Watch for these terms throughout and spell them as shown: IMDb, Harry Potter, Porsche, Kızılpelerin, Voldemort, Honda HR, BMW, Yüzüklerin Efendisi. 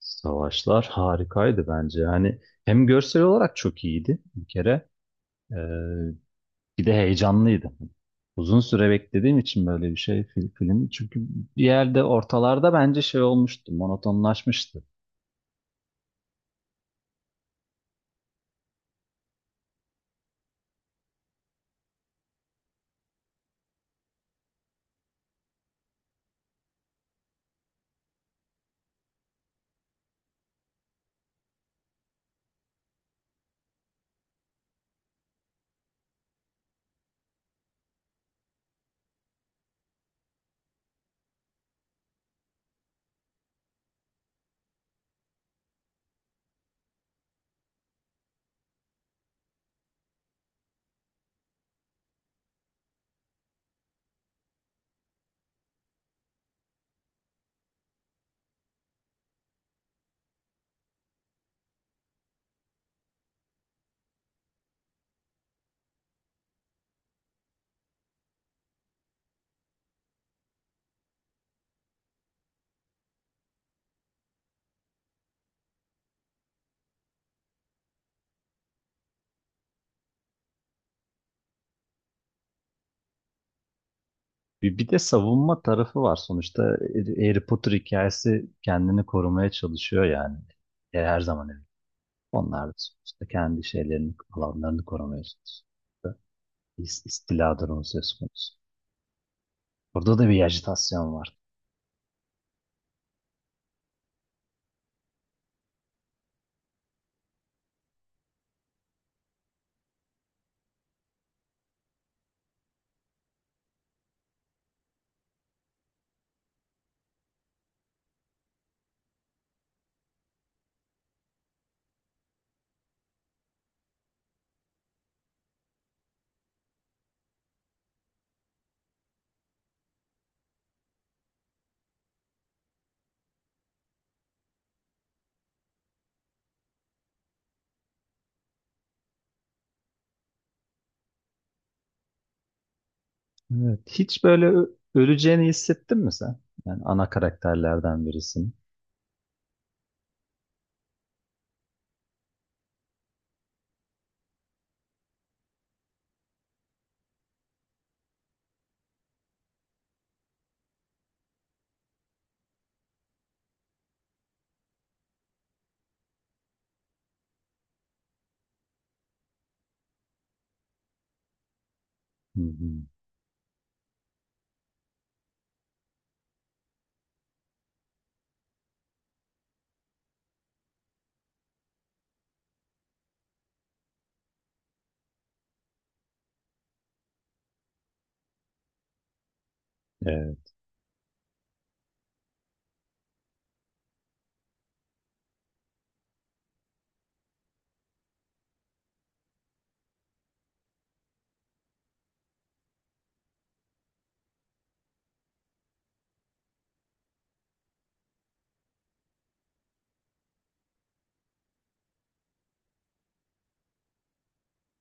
Savaşlar harikaydı bence. Yani hem görsel olarak çok iyiydi bir kere. Ee, Bir de heyecanlıydı. Uzun süre beklediğim için böyle bir şey film. Çünkü bir yerde ortalarda bence şey olmuştu, monotonlaşmıştı. Bir de savunma tarafı var. Sonuçta Harry Potter hikayesi kendini korumaya çalışıyor yani. E, her zaman öyle. Onlar da sonuçta kendi şeylerini, alanlarını korumaya çalışıyor. İstiladır onun söz konusu. Burada da bir ajitasyon var. Evet. Hiç böyle öleceğini hissettin mi sen? Yani ana karakterlerden birisin. Hı hı. Evet.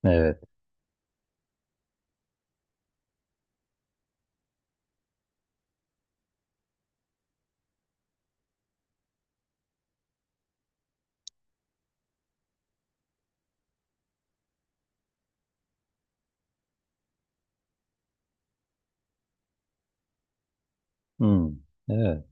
Evet. Hı. Evet.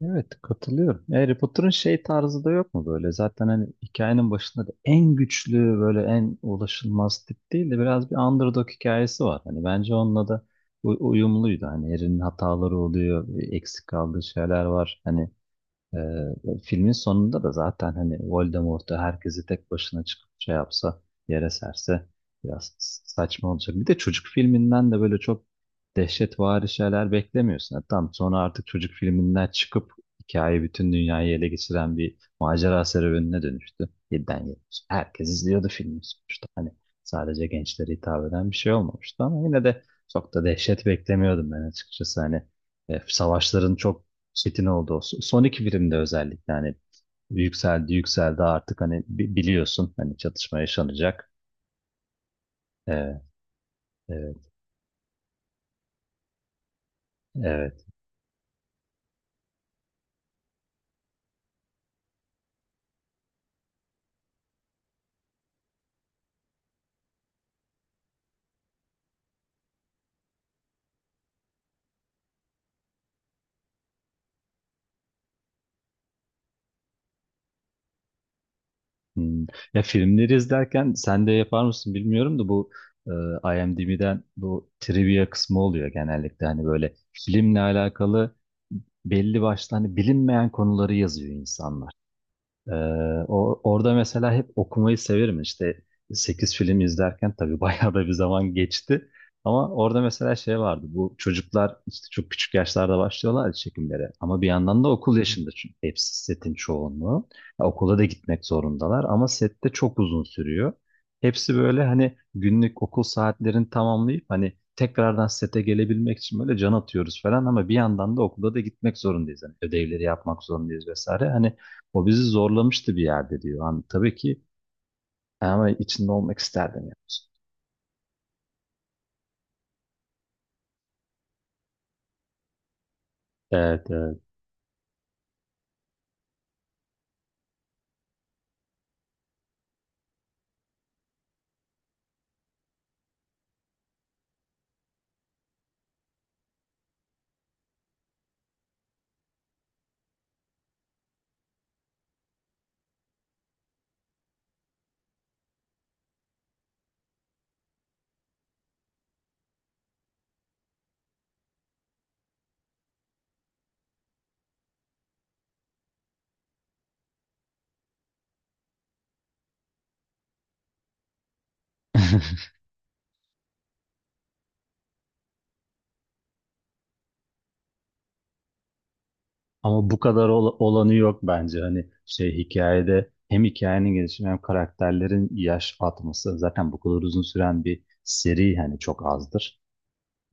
Evet, katılıyorum. Harry Potter'ın şey tarzı da yok mu böyle? Zaten hani hikayenin başında da en güçlü böyle en ulaşılmaz tip değil de biraz bir underdog hikayesi var. Hani bence onunla da uyumluydu. Hani Harry'nin hataları oluyor, eksik kaldığı şeyler var. Hani filmin sonunda da zaten hani Voldemort'u herkesi tek başına çıkıp şey yapsa, yere serse biraz saçma olacak. Bir de çocuk filminden de böyle çok dehşetvari şeyler beklemiyorsun. Yani tam sonra artık çocuk filminden çıkıp hikaye bütün dünyayı ele geçiren bir macera serüvenine dönüştü. 7'den 70. Herkes izliyordu filmi sonuçta. Hani sadece gençlere hitap eden bir şey olmamıştı ama yine de çok da dehşet beklemiyordum ben açıkçası. Hani savaşların çok çetin oldu. Son iki birimde özellikle hani yükseldi yükseldi artık hani biliyorsun hani çatışma yaşanacak. Evet, evet, evet. Hmm. Ya filmleri izlerken sen de yapar mısın bilmiyorum da bu IMDb'den bu trivia kısmı oluyor genellikle hani böyle filmle alakalı belli başlı hani bilinmeyen konuları yazıyor insanlar. Ee, orada mesela hep okumayı severim. İşte 8 film izlerken tabii bayağı da bir zaman geçti. Ama orada mesela şey vardı. Bu çocuklar işte çok küçük yaşlarda başlıyorlar ya çekimlere. Ama bir yandan da okul yaşında çünkü hepsi setin çoğunluğu. Ya okula da gitmek zorundalar ama sette çok uzun sürüyor. Hepsi böyle hani günlük okul saatlerini tamamlayıp hani tekrardan sete gelebilmek için böyle can atıyoruz falan ama bir yandan da okula da gitmek zorundayız. Hani ödevleri yapmak zorundayız vesaire. Hani o bizi zorlamıştı bir yerde diyor. Hani tabii ki ama içinde olmak isterdim. Yani. Evet, evet. Ama bu kadar olanı yok bence. Hani şey hikayede hem hikayenin gelişimi hem karakterlerin yaş atması zaten bu kadar uzun süren bir seri hani çok azdır.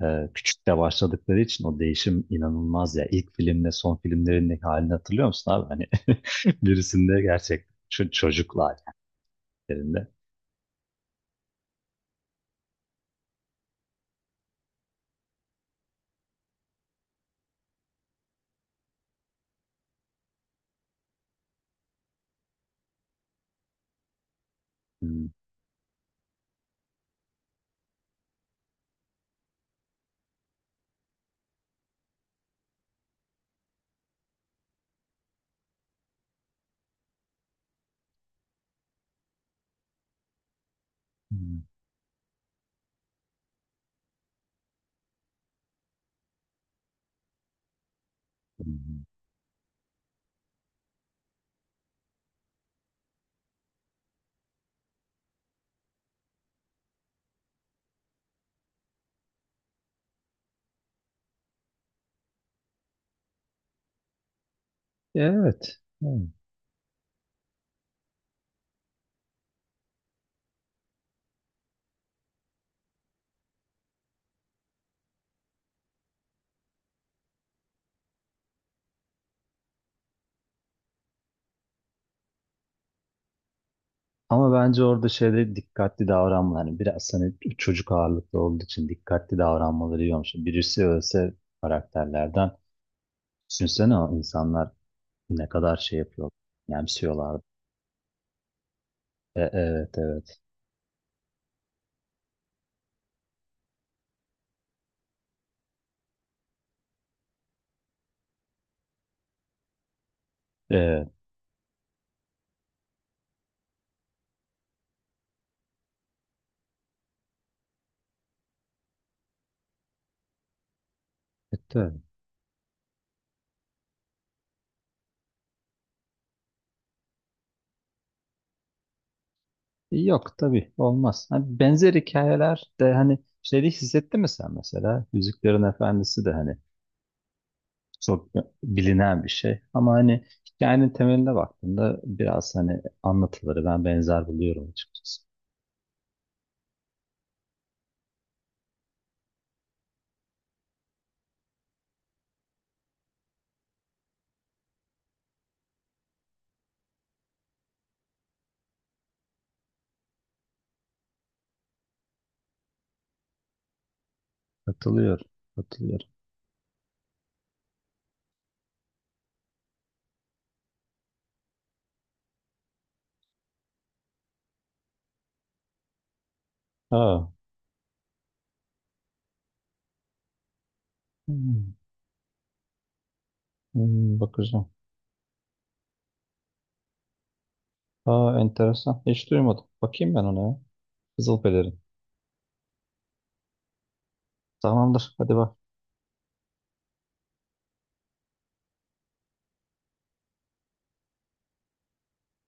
Küçük de başladıkları için o değişim inanılmaz ya. İlk filmle son filmlerindeki halini hatırlıyor musun abi? Hani birisinde gerçek çocuklar yani. Birinde. Hmm, hmm, hmm. Evet. Ama bence orada şeyde dikkatli davranma. Hani biraz hani çocuk ağırlıklı olduğu için dikkatli davranmaları iyi olmuş. Birisi ölse karakterlerden düşünsene o insanlar ne kadar şey yapıyor. Yemsiyorlar. E, evet evet. E, evet, evet. Öyle. Yok tabii olmaz. Hani benzer hikayeler de hani şeyde hissettin mi sen mesela? Yüzüklerin Efendisi de hani çok bilinen bir şey. Ama hani hikayenin temeline baktığında biraz hani anlatıları ben benzer buluyorum açıkçası. Katılıyor. Katılıyor. Aa. Hmm, hmm, bakacağım. Aa, enteresan. Hiç duymadım. Bakayım ben ona ya. Kızılpelerin. Tamamdır. Hadi bak.